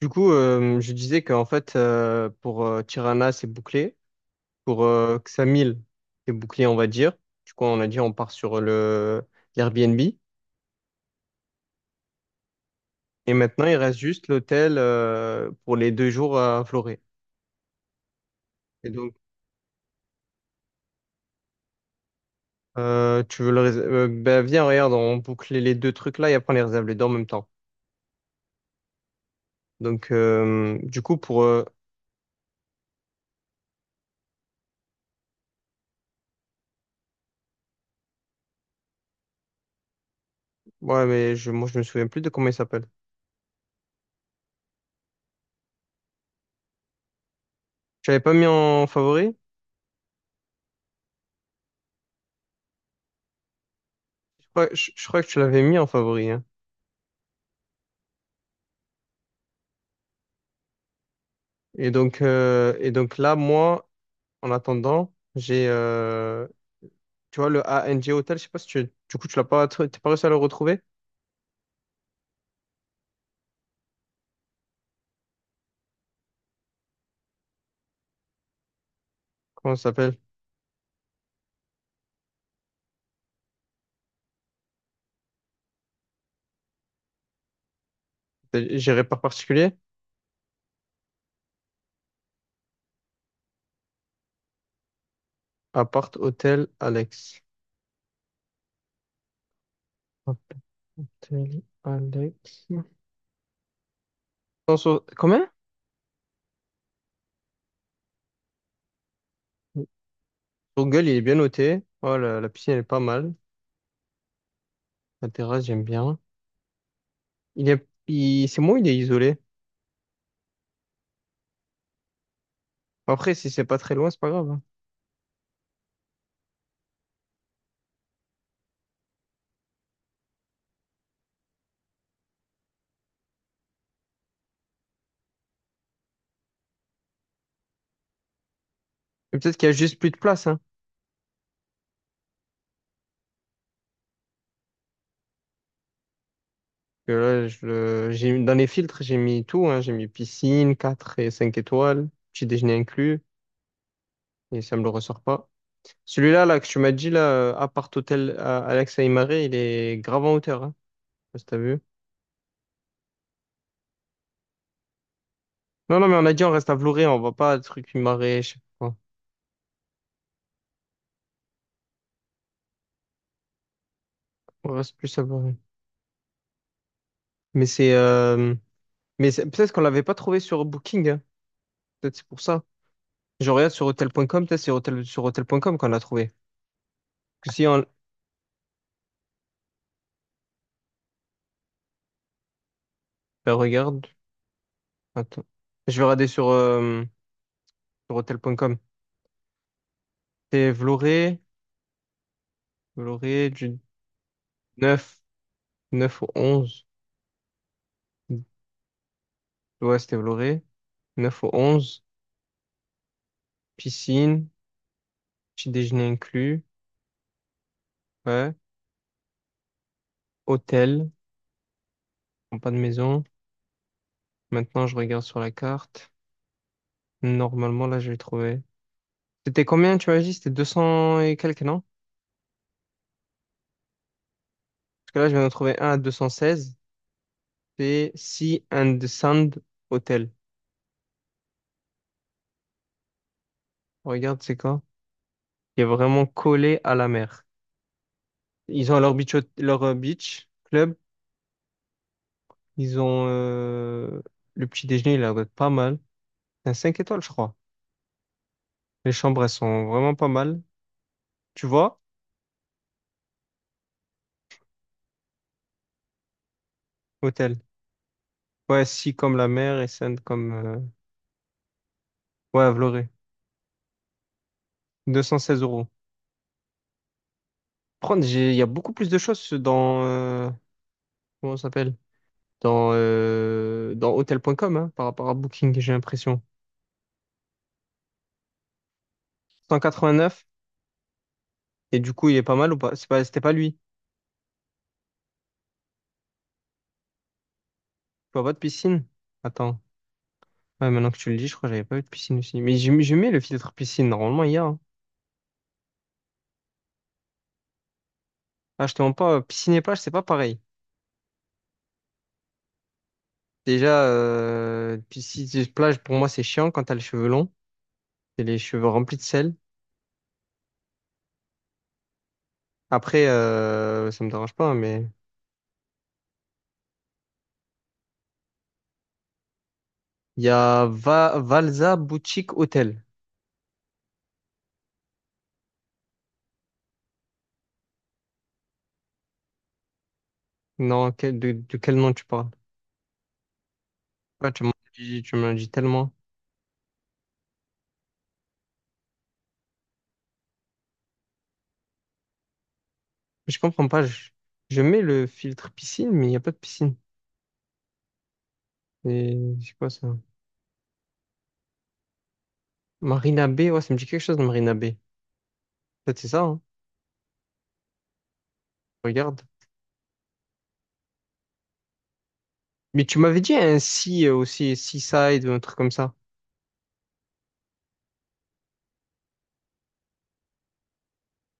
Du coup, je disais qu'en fait, pour Tirana, c'est bouclé. Pour Xamil, c'est bouclé, on va dire. Du coup, on a dit on part sur le l'Airbnb. Et maintenant, il reste juste l'hôtel pour les 2 jours à Florée. Et donc, tu veux le rés- ben, viens, regarde, on boucle les deux trucs là et après on les réserve les deux en même temps. Donc, du coup, ouais, mais moi, je me souviens plus de comment il s'appelle. Tu l'avais pas mis en favori? Je crois que tu l'avais mis en favori, hein. Et donc là, moi, en attendant, j'ai, tu vois, le A N G Hotel, je sais pas si tu, du coup, tu l'as pas, tr- t'es pas réussi à le retrouver? Comment ça s'appelle? C'est géré par particulier? Appart Hôtel Alex. Appart Hôtel Alex. Comment? Son gueule, il est bien noté. Oh, la piscine, elle est pas mal. La terrasse, j'aime bien. C'est moi, il est isolé. Après, si c'est pas très loin, c'est pas grave, hein. Et peut-être qu'il y a juste plus de place, hein. Que là, j'ai, dans les filtres, j'ai mis tout, hein. J'ai mis piscine, 4 et 5 étoiles, petit déjeuner inclus, et ça me le ressort pas. Celui-là, là, que tu m'as dit, là, appart hôtel à Alex Aymaré, il est grave en hauteur, hein. Je sais pas si t'as vu. Non, non, mais on a dit, on reste à Vloré, on va pas à truc Aymaré, je sais pas quoi. On reste plus à Vloré. Mais c'est, euh, Peut-être qu'on l'avait pas trouvé sur Booking, hein. Peut-être c'est pour ça. Je regarde sur hotel.com, peut-être c'est hôtel, sur hotel.com qu'on l'a trouvé. Parce que Si on, Ben, regarde, attends. Je vais regarder sur hotel.com. C'était Vloré, du 9, 9 au 11. Ouais, c'était Vloré. 9 au 11. Piscine, petit déjeuner inclus. Ouais. Hôtel, bon, pas de maison. Maintenant, je regarde sur la carte. Normalement, là, je vais trouver. C'était combien, tu m'as dit? C'était 200 et quelques, non? Parce que là, je viens de trouver un à 216. C'est Sea and Sand Hotel. Regarde, c'est quoi? Il est vraiment collé à la mer. Ils ont leur beach club. Ils ont le petit déjeuner, il a l'air d'être pas mal. C'est un 5 étoiles, je crois. Les chambres, elles sont vraiment pas mal. Tu vois? Hôtel. Ouais, si comme la mer et Sainte ouais, à Vloré. Deux cent seize euros. Il y a beaucoup plus de choses comment ça s'appelle? Dans hôtel.com, hein, par rapport à Booking, j'ai l'impression. 189. Et du coup, il est pas mal ou pas? C'était pas lui. Tu vois pas de piscine? Attends. Ouais, maintenant que tu le dis, je crois que j'avais pas eu de piscine aussi. Mais j'ai mis le filtre piscine. Normalement, il y a, hein. Ah, je te mens pas, piscine et plage, c'est pas pareil. Déjà, piscine et plage, pour moi, c'est chiant quand t'as les cheveux longs et les cheveux remplis de sel. Après, ça me dérange pas, hein, mais il y a Valza Boutique Hotel. Non, de quel nom tu parles? Ouais, tu m'en dis tellement. Je comprends pas. Je mets le filtre piscine, mais il n'y a pas de piscine. Et c'est quoi ça? Marina Bay, ouais, ça me dit quelque chose de Marina Bay. Peut-être c'est ça, hein. Regarde. Mais tu m'avais dit un sea, aussi, Seaside ou un truc comme ça.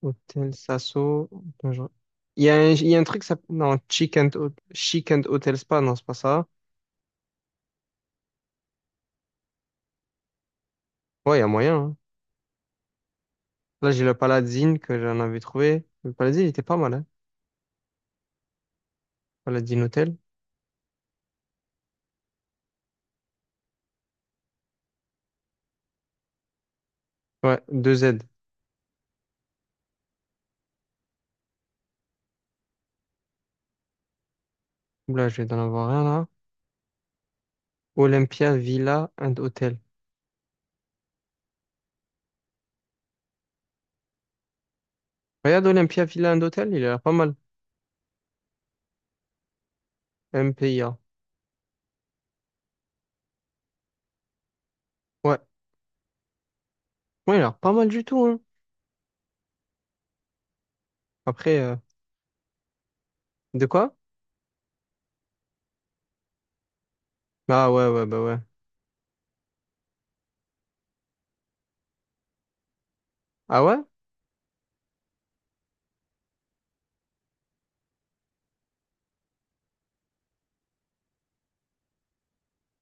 Hôtel Sasso. Attends, il y a un, truc, ça, non, Chic and Hotel Spa, non, c'est pas ça. Ouais, il y a moyen, hein. Là, j'ai le Paladine que j'en avais trouvé. Le Paladine, il était pas mal, hein. Paladine Hotel. Ouais, deux z. Là, je vais en avoir un, là. Olympia Villa and Hotel. Regarde Olympia Villa and Hotel, il a l'air pas mal. MPIA. Ouais. Ouais, il a l'air pas mal du tout, hein. Après, de quoi? Ah ouais, ouais, bah ouais. Ah ouais?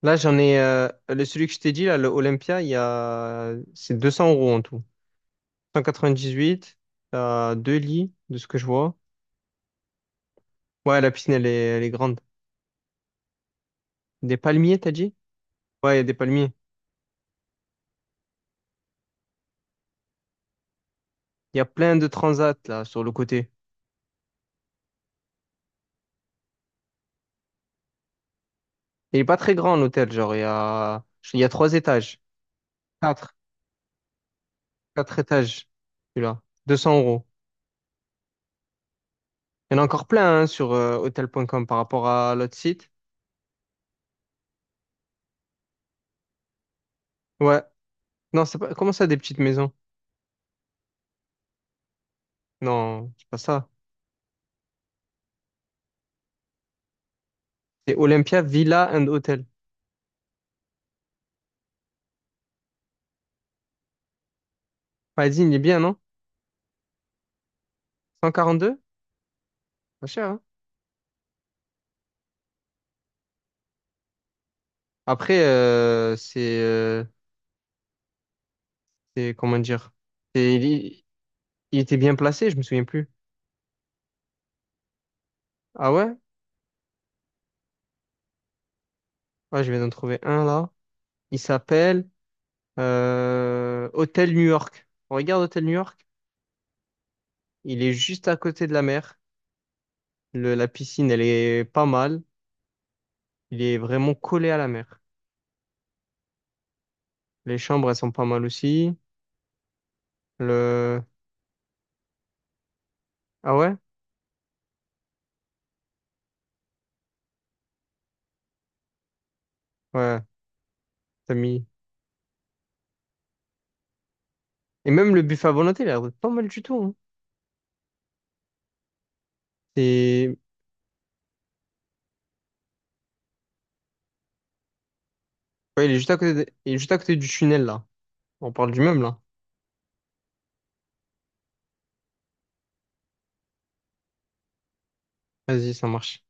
Là, celui que je t'ai dit, là, le Olympia, c'est 200 € en tout. 198, t'as deux lits, de ce que je vois. Ouais, la piscine, elle est grande. Des palmiers, t'as dit? Ouais, il y a des palmiers. Il y a plein de transats, là, sur le côté. Il est pas très grand, l'hôtel, genre, il y a trois étages. Quatre. Quatre étages, celui-là. Deux cents euros. Il y en a encore plein, hein, sur hotel.com par rapport à l'autre site. Ouais. Non, c'est pas, comment ça, des petites maisons? Non, c'est pas ça. C'est Olympia Villa and Hotel. Vas-y, il est bien, non? 142. Pas cher, hein? Après, c'est, comment dire? C'est- il, il était bien placé, je me souviens plus. Ah ouais? Ouais, je viens d'en trouver un là. Il s'appelle Hôtel New York. On regarde Hôtel New York. Il est juste à côté de la mer. La piscine, elle est pas mal. Il est vraiment collé à la mer. Les chambres, elles sont pas mal aussi. Le... Ah ouais? Ouais, t'as mis. Et même le buffet à volonté, il a l'air d'être pas mal du tout, hein. C'est... Ouais, il est juste à côté du tunnel là. On parle du même là. Vas-y, ça marche.